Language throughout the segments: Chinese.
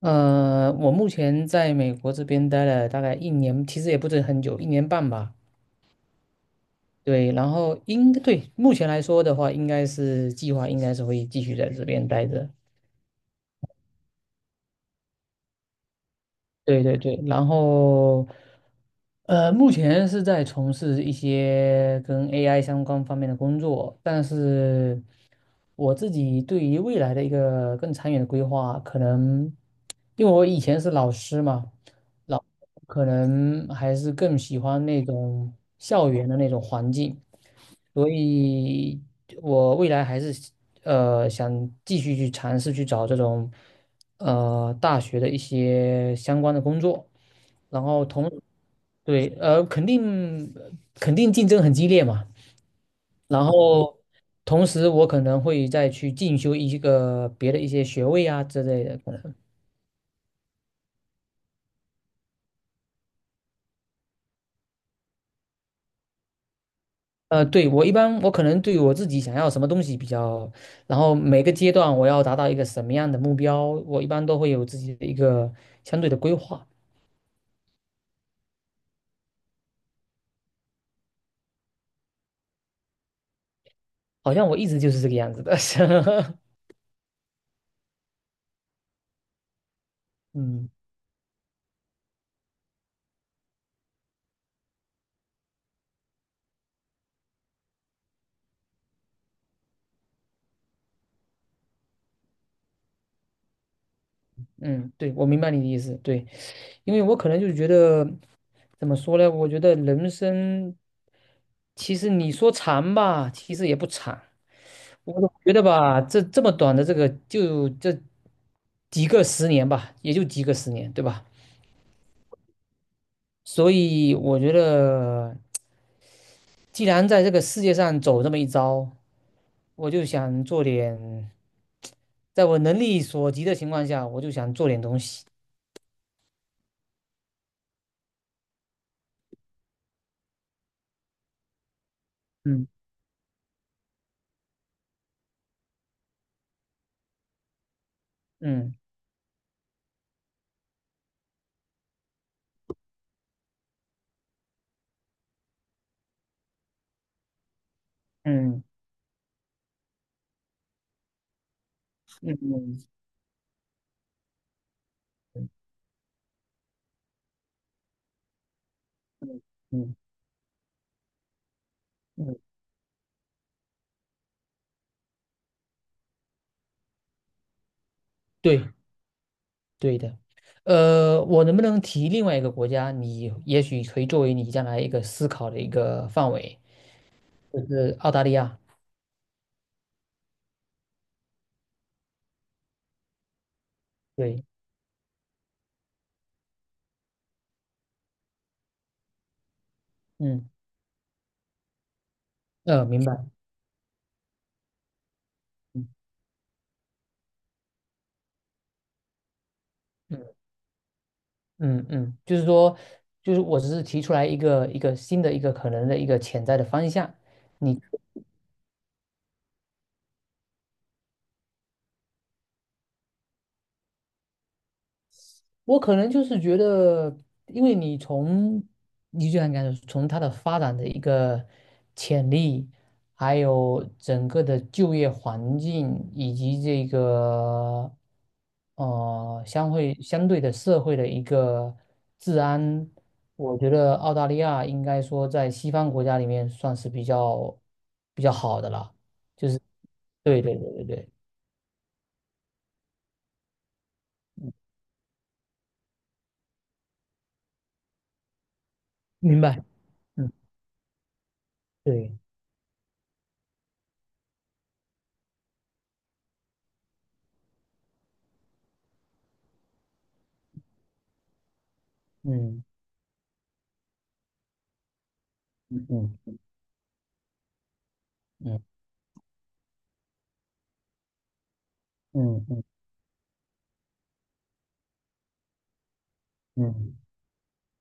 我目前在美国这边待了大概一年，其实也不是很久，一年半吧。对，然后应对目前来说的话，应该是会继续在这边待着。对对对，然后目前是在从事一些跟 AI 相关方面的工作，但是我自己对于未来的一个更长远的规划，可能因为我以前是老师嘛。老可能还是更喜欢那种校园的那种环境，所以我未来还是想继续去尝试去找这种大学的一些相关的工作，然后对，肯定竞争很激烈嘛，然后同时我可能会再去进修一个别的一些学位啊之类的，可能。对，我一般我可能对我自己想要什么东西比较，然后每个阶段我要达到一个什么样的目标，我一般都会有自己的一个相对的规划。好像我一直就是这个样子的。嗯嗯，对，我明白你的意思，对，因为我可能就觉得，怎么说呢？我觉得人生其实你说长吧，其实也不长。我总觉得吧，这么短的这个，就这几个十年吧，也就几个十年，对吧？所以我觉得，既然在这个世界上走这么一遭，我就想做点，在我能力所及的情况下，我就想做点东西。嗯嗯嗯嗯嗯嗯嗯嗯，嗯，对，对的。我能不能提另外一个国家？你也许可以作为你将来一个思考的一个范围，就是澳大利亚。对，嗯，明白。嗯嗯嗯嗯，就是说，就是我只是提出来一个新的一个可能的一个潜在的方向。你我可能就是觉得，因为你就像你讲，从它的发展的一个潜力，还有整个的就业环境，以及这个相对的社会的一个治安，我觉得澳大利亚应该说在西方国家里面算是比较好的了。就是对对对对对，明白。嗯，对，嗯嗯嗯嗯嗯嗯。嗯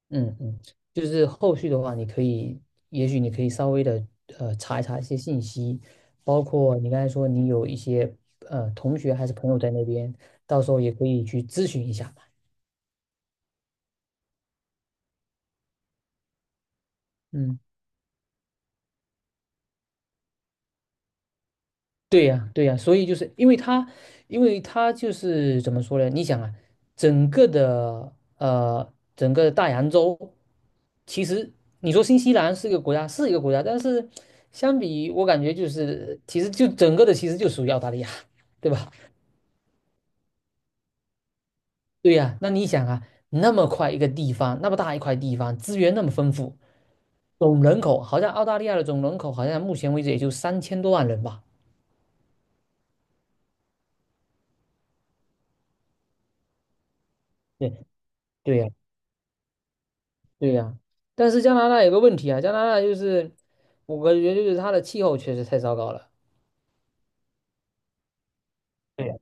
嗯嗯，就是后续的话，你可以，也许你可以稍微的查一查一些信息，包括你刚才说你有一些同学还是朋友在那边，到时候也可以去咨询一下嘛。嗯，对呀，对呀，所以就是因为他，就是怎么说呢？你想啊，整个大洋洲，其实你说新西兰是一个国家，是一个国家，但是相比我感觉就是其实就整个的其实就属于澳大利亚，对吧？对呀，那你想啊，那么快一个地方，那么大一块地方，资源那么丰富，总人口好像澳大利亚的总人口好像目前为止也就三千多万人吧。对，对呀，对呀。但是加拿大有个问题啊，加拿大就是我感觉就是它的气候确实太糟糕了。对呀，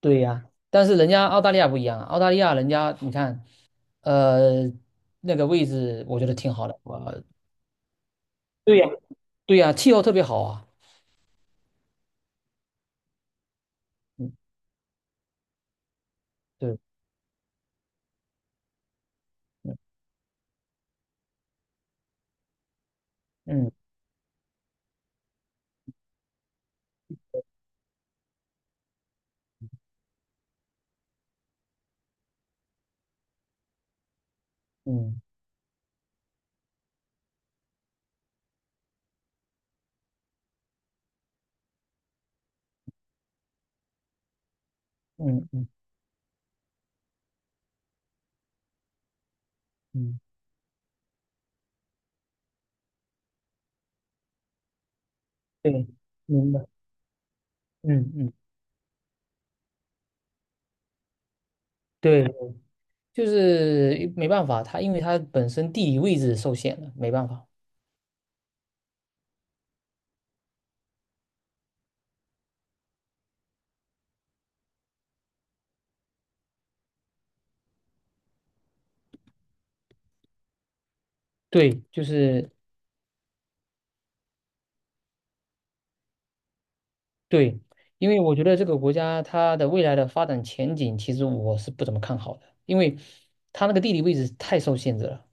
对呀。但是人家澳大利亚不一样啊，澳大利亚人家你看，呃，那个位置我觉得挺好的，我对呀，对呀，气候特别好啊。嗯，对，嗯嗯嗯嗯嗯。嗯，对，明白，嗯嗯，对，就是没办法，它因为它本身地理位置受限了，没办法。对，就是对，因为我觉得这个国家它的未来的发展前景，其实我是不怎么看好的，因为它那个地理位置太受限制了。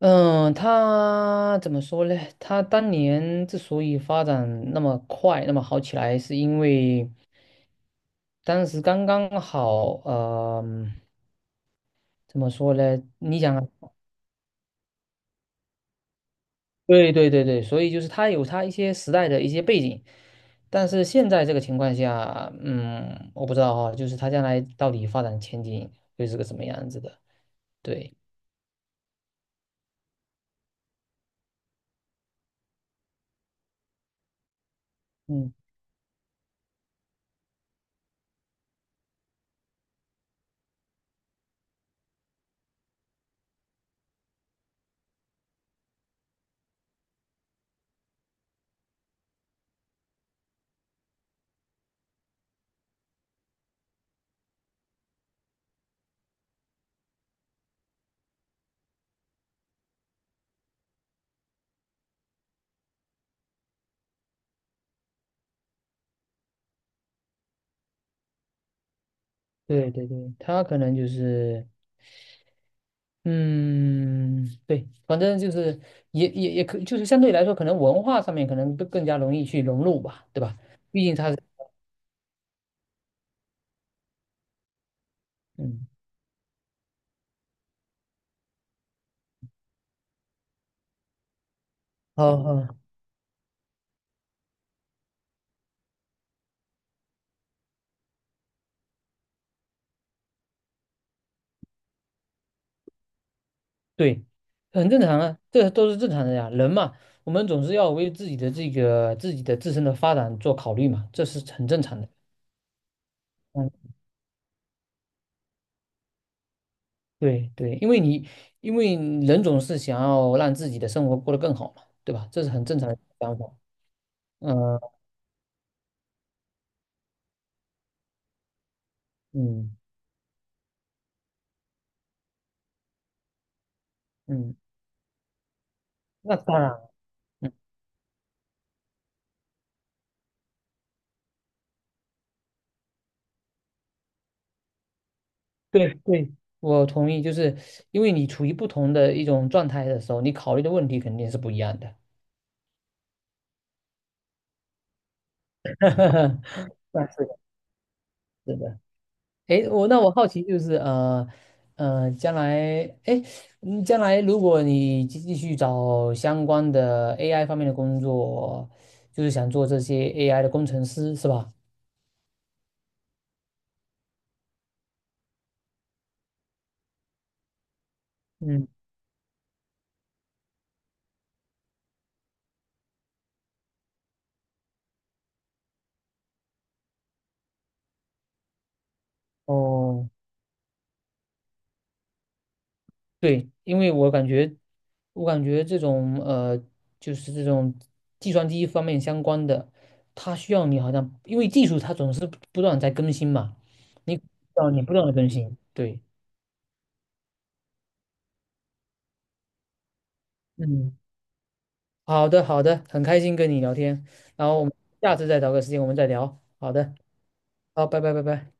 嗯，它怎么说呢？它当年之所以发展那么快、那么好起来，是因为当时刚刚好，呃，怎么说呢？你想啊。对对对对，所以就是它有它一些时代的一些背景，但是现在这个情况下，嗯，我不知道哈，就是它将来到底发展前景会是个什么样子的。对，嗯，对对对，它可能就是，嗯，对，反正就是也也也可，就是相对来说，可能文化上面可能更加容易去融入吧，对吧？毕竟它是，嗯，好好，对，很正常啊，这都是正常的呀。人嘛，我们总是要为自己的自身的发展做考虑嘛，这是很正常的。嗯，对对，因为人总是想要让自己的生活过得更好嘛，对吧？这是很正常的想法。嗯嗯嗯，那当然，嗯，对对，我同意，就是因为你处于不同的一种状态的时候，你考虑的问题肯定是不一样的。那是的，是的。诶，我好奇就是，将来，诶，将来如果你继续找相关的 AI 方面的工作，就是想做这些 AI 的工程师，是吧？嗯，哦，对，因为我感觉，这种就是这种计算机方面相关的，它需要你好像，因为技术它总是不断地在更新嘛，你需要你不断的更新，对，好的，好的，很开心跟你聊天，然后我们下次再找个时间我们再聊。好的，好，拜拜，拜拜。